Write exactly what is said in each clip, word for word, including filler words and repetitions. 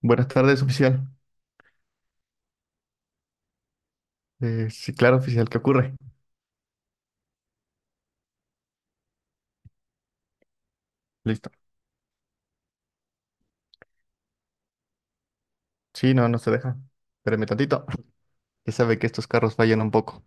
Buenas tardes, oficial. Eh, sí, claro, oficial, ¿qué ocurre? Listo. Sí, no, no se deja. Espéreme tantito. Ya sabe que estos carros fallan un poco.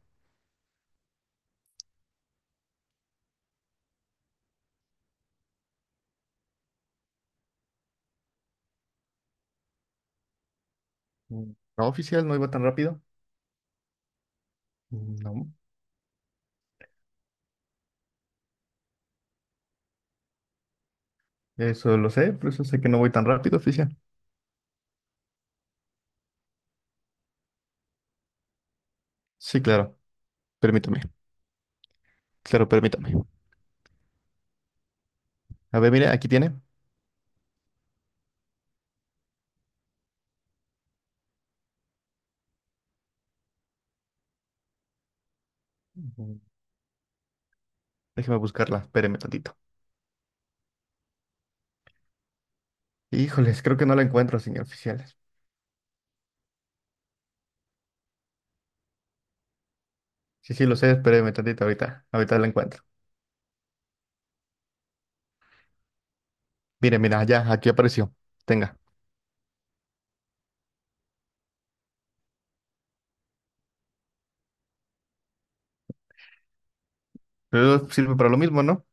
Mm, No, oficial, no iba tan rápido. Mm, No, eso lo sé, por eso sé que no voy tan rápido, oficial. Sí, claro, permítame. Claro, permítame. A ver, mire, aquí tiene. Mm, Déjeme buscarla, espéreme tantito. Híjoles, creo que no la encuentro, señor oficial. Sí, sí, lo sé, espéreme tantito ahorita. Ahorita la encuentro. Mire, mira, ya, aquí apareció. Tenga. Pero sirve para lo mismo, ¿no?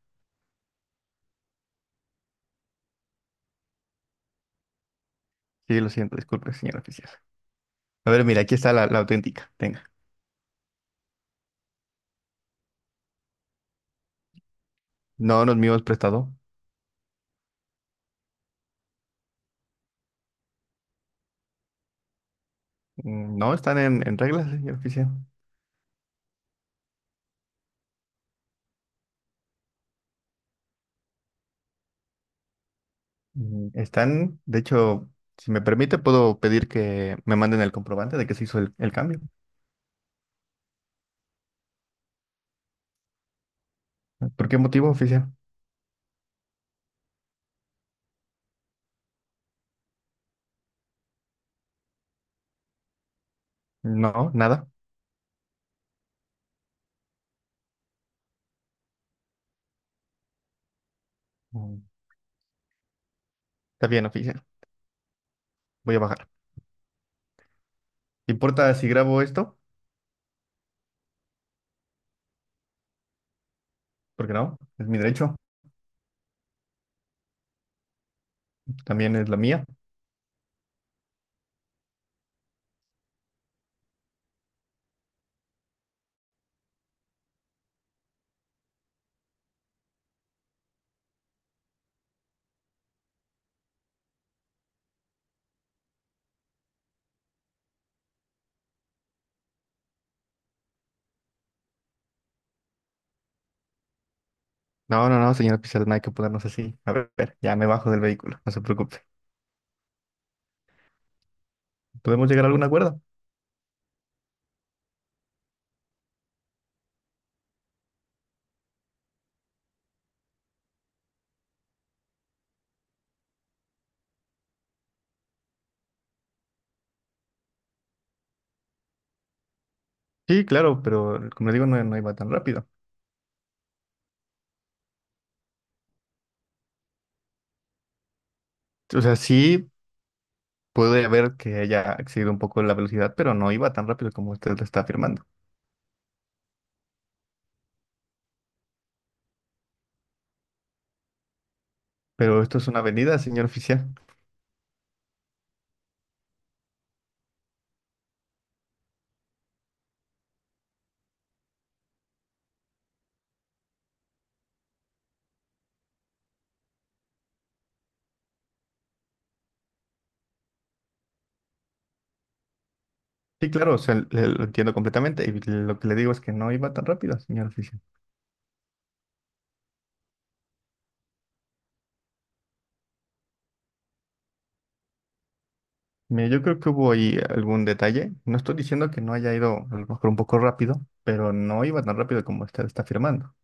Sí, lo siento, disculpe, señor oficial. A ver, mira, aquí está la, la auténtica. Tenga. No nos mismos prestado. Mm, No están en, en reglas, señor oficial. Mm, Están, de hecho, si me permite, puedo pedir que me manden el comprobante de que se hizo el, el cambio. ¿Por qué motivo, oficial? No, nada. Mm, Está bien, oficial. Voy a bajar. ¿Importa si grabo esto? Porque no, es mi derecho. También es la mía. No, no, no, señor oficial, no hay que ponernos así. A ver, ya me bajo del vehículo, no se preocupe. ¿Podemos llegar a algún acuerdo? Sí, claro, pero como le digo, no, no iba tan rápido. O sea, sí. Puede haber que haya excedido un poco la velocidad, pero no iba tan rápido como usted lo está afirmando. Pero esto es una avenida, señor oficial. Sí, claro, o sea, le- lo entiendo completamente y lo que le digo es que no iba tan rápido, señor oficial. Mire, yo creo que hubo ahí algún detalle. No estoy diciendo que no haya ido a lo mejor un poco rápido, pero no iba tan rápido como usted está afirmando.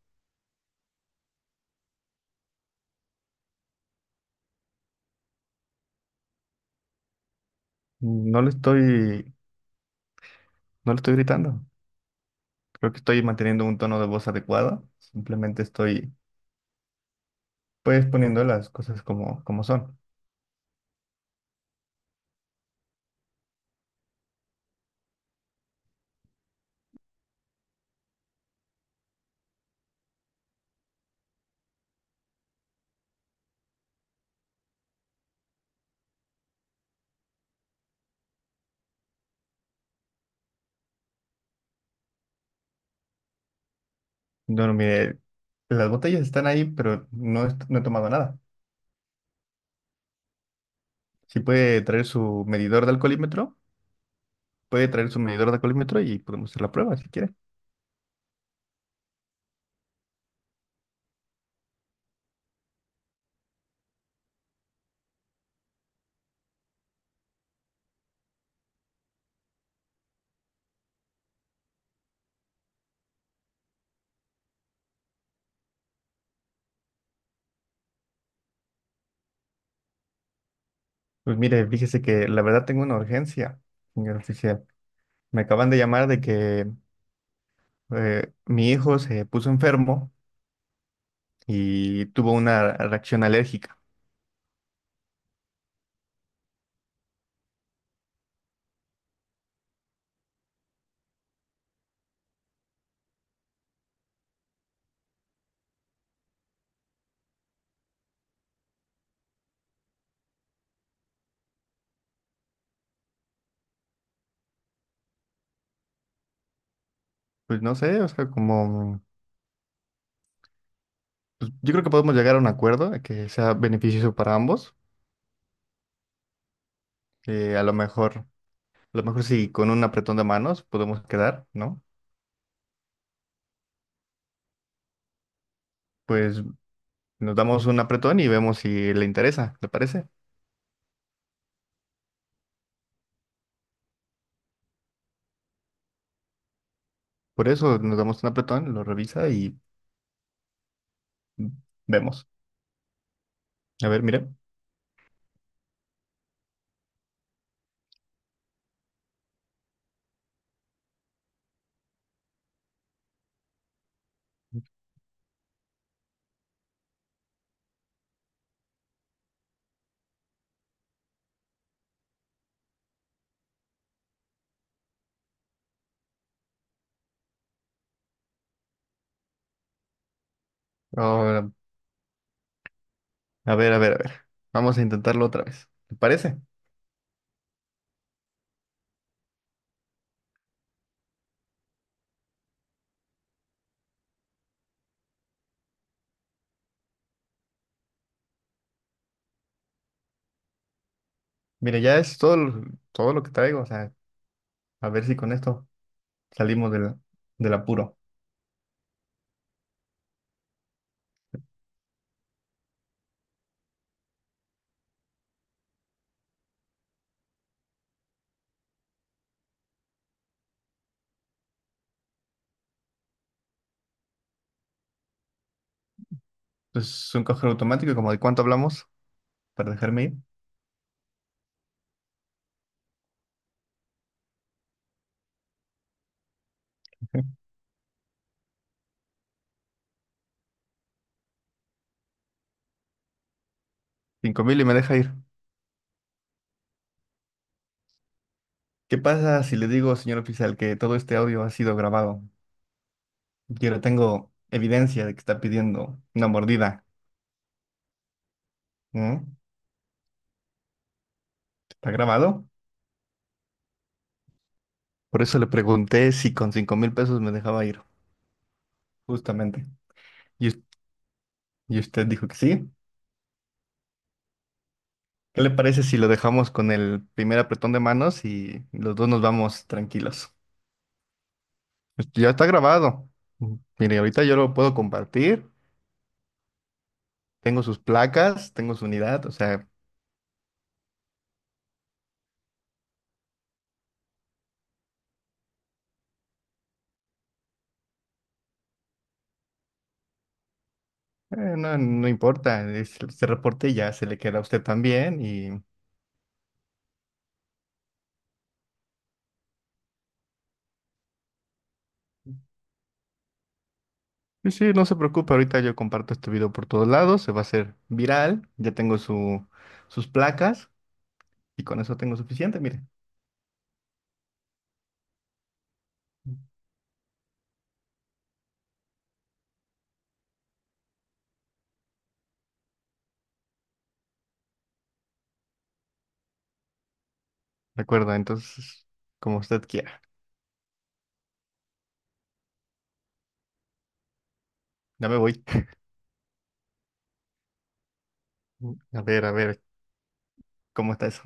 No le estoy, no le estoy gritando. Creo que estoy manteniendo un tono de voz adecuado. Simplemente estoy, pues, poniendo las cosas como, como son. No no, mire, las botellas están ahí, pero no, est- no he tomado nada. Si puede traer su medidor de alcoholímetro, puede traer su medidor de alcoholímetro y podemos hacer la prueba si quiere. Pues mire, fíjese que la verdad tengo una urgencia, señor oficial. Me acaban de llamar de que eh, mi hijo se puso enfermo y tuvo una reacción alérgica. Pues no sé, o sea, como... pues yo creo que podemos llegar a un acuerdo de que sea beneficioso para ambos. Eh, a lo mejor, a lo mejor sí, con un apretón de manos podemos quedar, ¿no? Pues nos damos un apretón y vemos si le interesa, ¿le parece? Por eso nos damos un apretón, lo revisa y vemos. A ver, mire. Ahora, a ver, a ver, a ver. Vamos a intentarlo otra vez. ¿Le parece? Mire, ya es todo, lo- todo lo que traigo. O sea, a ver si con esto salimos del, del apuro. Es un cajero automático, como de cuánto hablamos, para dejarme ir. Cinco mil y me deja ir. ¿Qué pasa si le digo, señor oficial, que todo este audio ha sido grabado? Yo le tengo evidencia de que está pidiendo una mordida. Mm, ¿Está grabado? Por eso le pregunté si con cinco mil pesos me dejaba ir, justamente. Y, us- y usted dijo que sí. ¿Qué le parece si lo dejamos con el primer apretón de manos y los dos nos vamos tranquilos? Pues ya está grabado. Mm, Mire, ahorita yo lo puedo compartir. Tengo sus placas, tengo su unidad, o sea, eh, no, no importa. es- Ese reporte ya se le queda a usted también y... Sí, sí, no se preocupe, ahorita yo comparto este video por todos lados, se va a hacer viral, ya tengo su, sus placas, y con eso tengo suficiente, mire. Recuerda, entonces, como usted quiera. Ya me voy. A ver, a ver, ¿cómo está eso?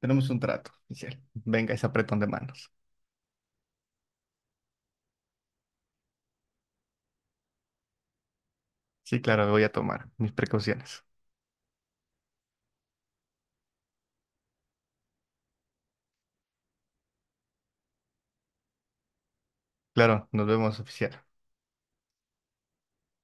Tenemos un trato, oficial. Venga ese apretón de manos. Sí, claro, voy a tomar mis precauciones. Claro, nos vemos, oficial.